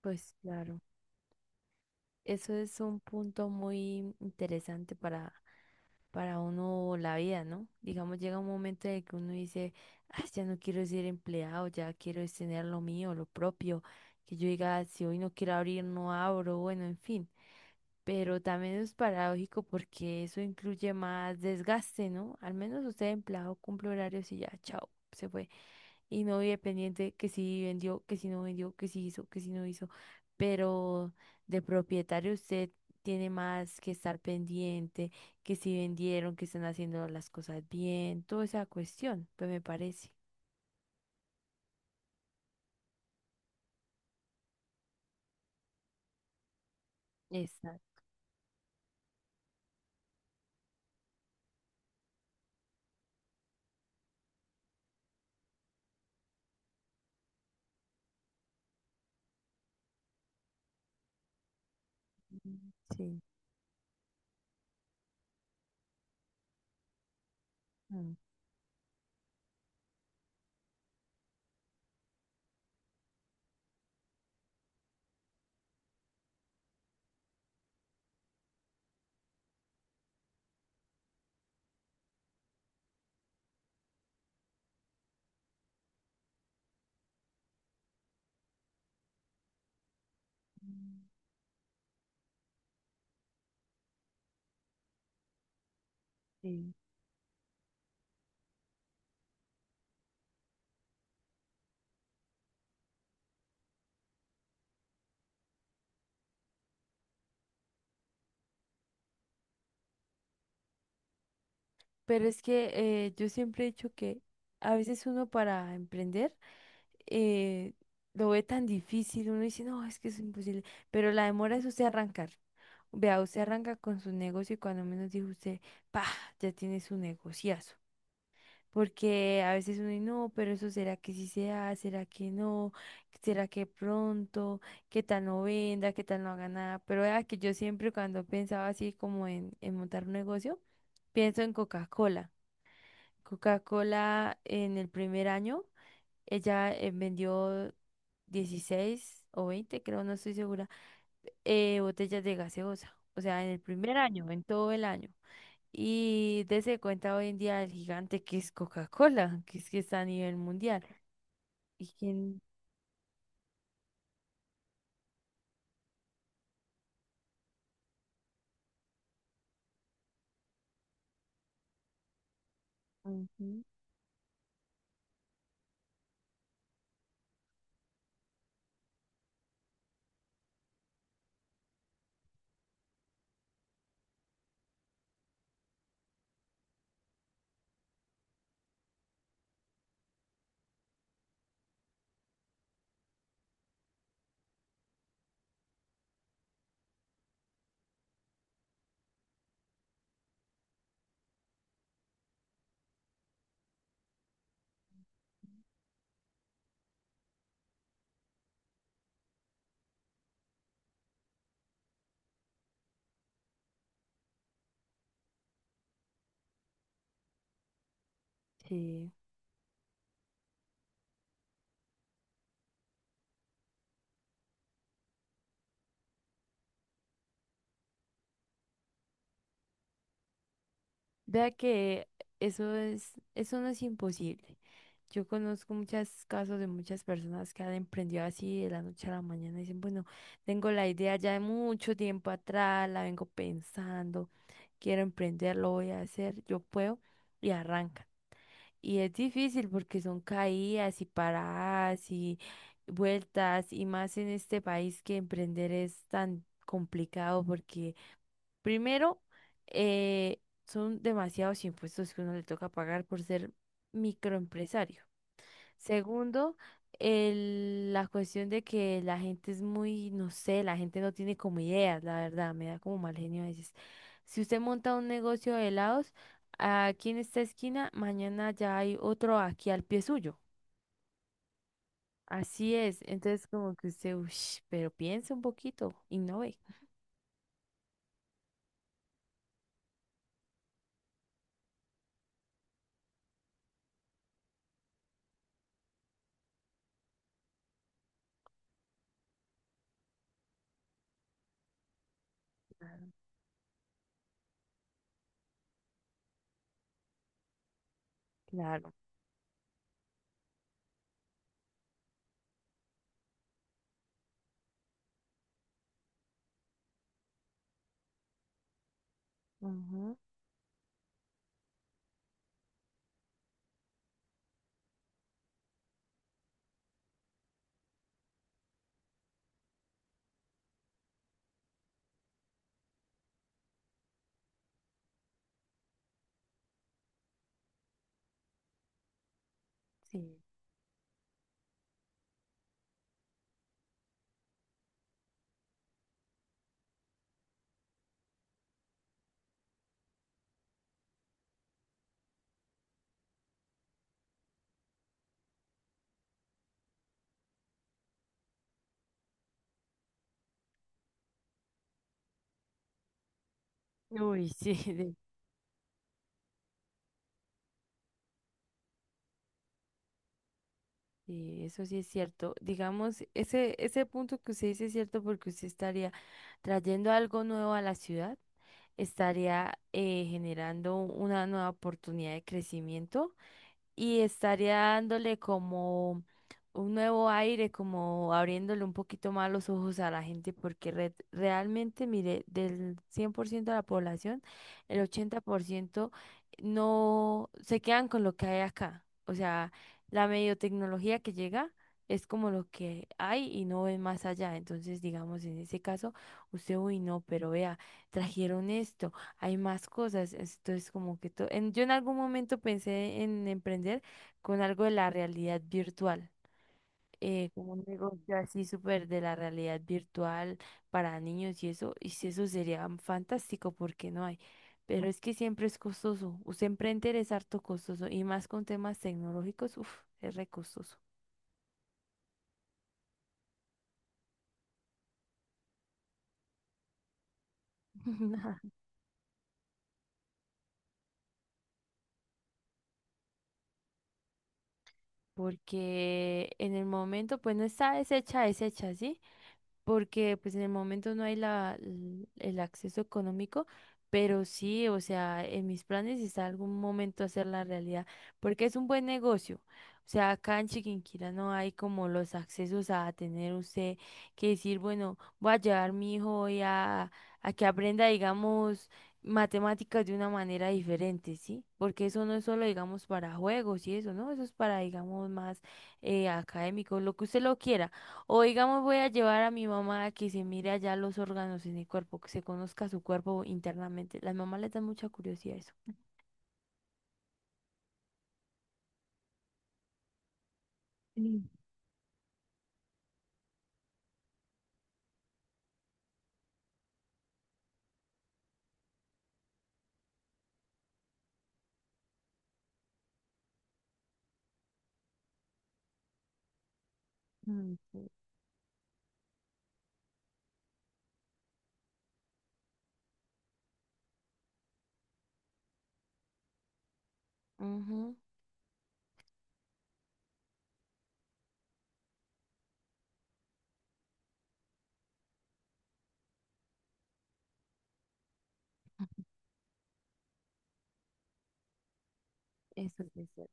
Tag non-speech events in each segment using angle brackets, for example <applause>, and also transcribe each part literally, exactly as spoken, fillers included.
Pues claro, eso es un punto muy interesante para, para uno la vida, ¿no? Digamos, llega un momento en el que uno dice, "Ay, ya no quiero ser empleado, ya quiero es tener lo mío, lo propio, que yo diga, "Ah, si hoy no quiero abrir, no abro, bueno, en fin". Pero también es paradójico porque eso incluye más desgaste, ¿no? Al menos usted empleado cumple horarios y ya, chao, se fue. Y no vive pendiente que si vendió, que si no vendió, que si hizo, que si no hizo. Pero de propietario usted tiene más que estar pendiente, que si vendieron, que están haciendo las cosas bien, toda esa cuestión, pues me parece. Exacto. Mm, sí. Mm, sí. Pero es que eh, yo siempre he dicho que a veces uno para emprender eh, lo ve tan difícil, uno dice, no, es que es imposible, pero la demora es usted arrancar. Vea, usted arranca con su negocio y cuando menos dijo usted, pa, ya tiene su negociazo. Porque a veces uno y no, pero eso será que sí se da, será que no, será que pronto, qué tal no venda, qué tal no haga nada. Pero vea que yo siempre cuando pensaba así como en, en montar un negocio, pienso en Coca-Cola. Coca-Cola en el primer año, ella eh, vendió dieciséis o veinte creo, no estoy segura, eh, botellas de gaseosa. O sea, en el primer año, en todo el año. Y dése cuenta hoy en día el gigante que es Coca-Cola, que es que está a nivel mundial. Y quien, ujú, sí. Vea que eso es, eso no es imposible. Yo conozco muchos casos de muchas personas que han emprendido así de la noche a la mañana. Dicen, bueno, tengo la idea ya de mucho tiempo atrás, la vengo pensando, quiero emprender, lo voy a hacer, yo puedo, y arrancan. Y es difícil porque son caídas y paradas y vueltas y más en este país que emprender es tan complicado porque primero eh, son demasiados impuestos que uno le toca pagar por ser microempresario. Segundo, el- la cuestión de que la gente es muy, no sé, la gente no tiene como ideas, la verdad, me da como mal genio a veces. Si usted monta un negocio de helados, aquí en esta esquina, mañana ya hay otro aquí al pie suyo. Así es, entonces como que usted, uff, pero piensa un poquito, innove. Claro. Ujú, sí. Uy, sí, <laughs> sí, eso sí es cierto. Digamos, ese, ese punto que usted dice es cierto porque usted estaría trayendo algo nuevo a la ciudad, estaría eh, generando una nueva oportunidad de crecimiento y estaría dándole como un nuevo aire, como abriéndole un poquito más los ojos a la gente, porque re- realmente, mire, del cien por ciento de la población, el ochenta por ciento no se quedan con lo que hay acá. O sea, la medio tecnología que llega es como lo que hay y no ven más allá. Entonces, digamos, en ese caso, usted, uy, no, pero vea, trajeron esto hay más cosas. Entonces, como que to- en- yo en algún momento pensé en emprender con algo de la realidad virtual, eh, como un negocio así súper de la realidad virtual para niños y eso, y si eso sería fantástico porque no hay. Pero es que siempre es costoso. Usted emprender es harto costoso y más con temas tecnológicos, uff, es re costoso. <laughs> Porque en el momento, pues no está deshecha, deshecha, ¿sí? Porque pues en el momento no hay la, l- el acceso económico, pero sí, o sea, en mis planes está algún momento hacer la realidad, porque es un buen negocio. O sea, acá en Chiquinquirá no hay como los accesos a tener usted que decir, bueno, voy a llevar mi hijo hoy a, a que aprenda, digamos, matemáticas de una manera diferente, ¿sí? Porque eso no es solo, digamos, para juegos y eso, ¿no? Eso es para, digamos, más eh, académico, lo que usted lo quiera. O digamos, voy a llevar a mi mamá a que se mire allá los órganos en el cuerpo, que se conozca su cuerpo internamente. Las mamás les dan mucha curiosidad a eso. Sí, mm, sí, ujú. Eso sí es cierto.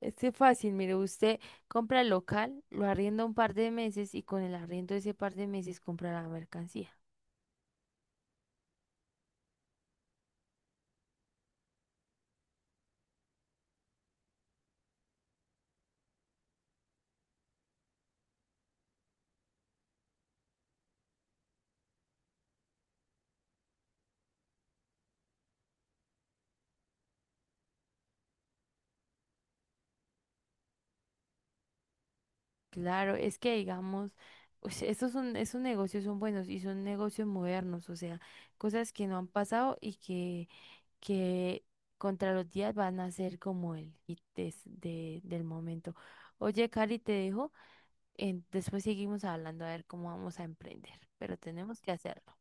Este es que fácil, mire, usted compra el local, lo arrienda un par de meses y con el arriendo de ese par de meses compra la mercancía. Claro, es que digamos, pues, estos son, esos negocios son buenos y son negocios modernos, o sea, cosas que no han pasado y que que contra los días van a ser como el hit des- de, del momento. Oye, Cari, te dejo. En- después seguimos hablando a ver cómo vamos a emprender, pero tenemos que hacerlo.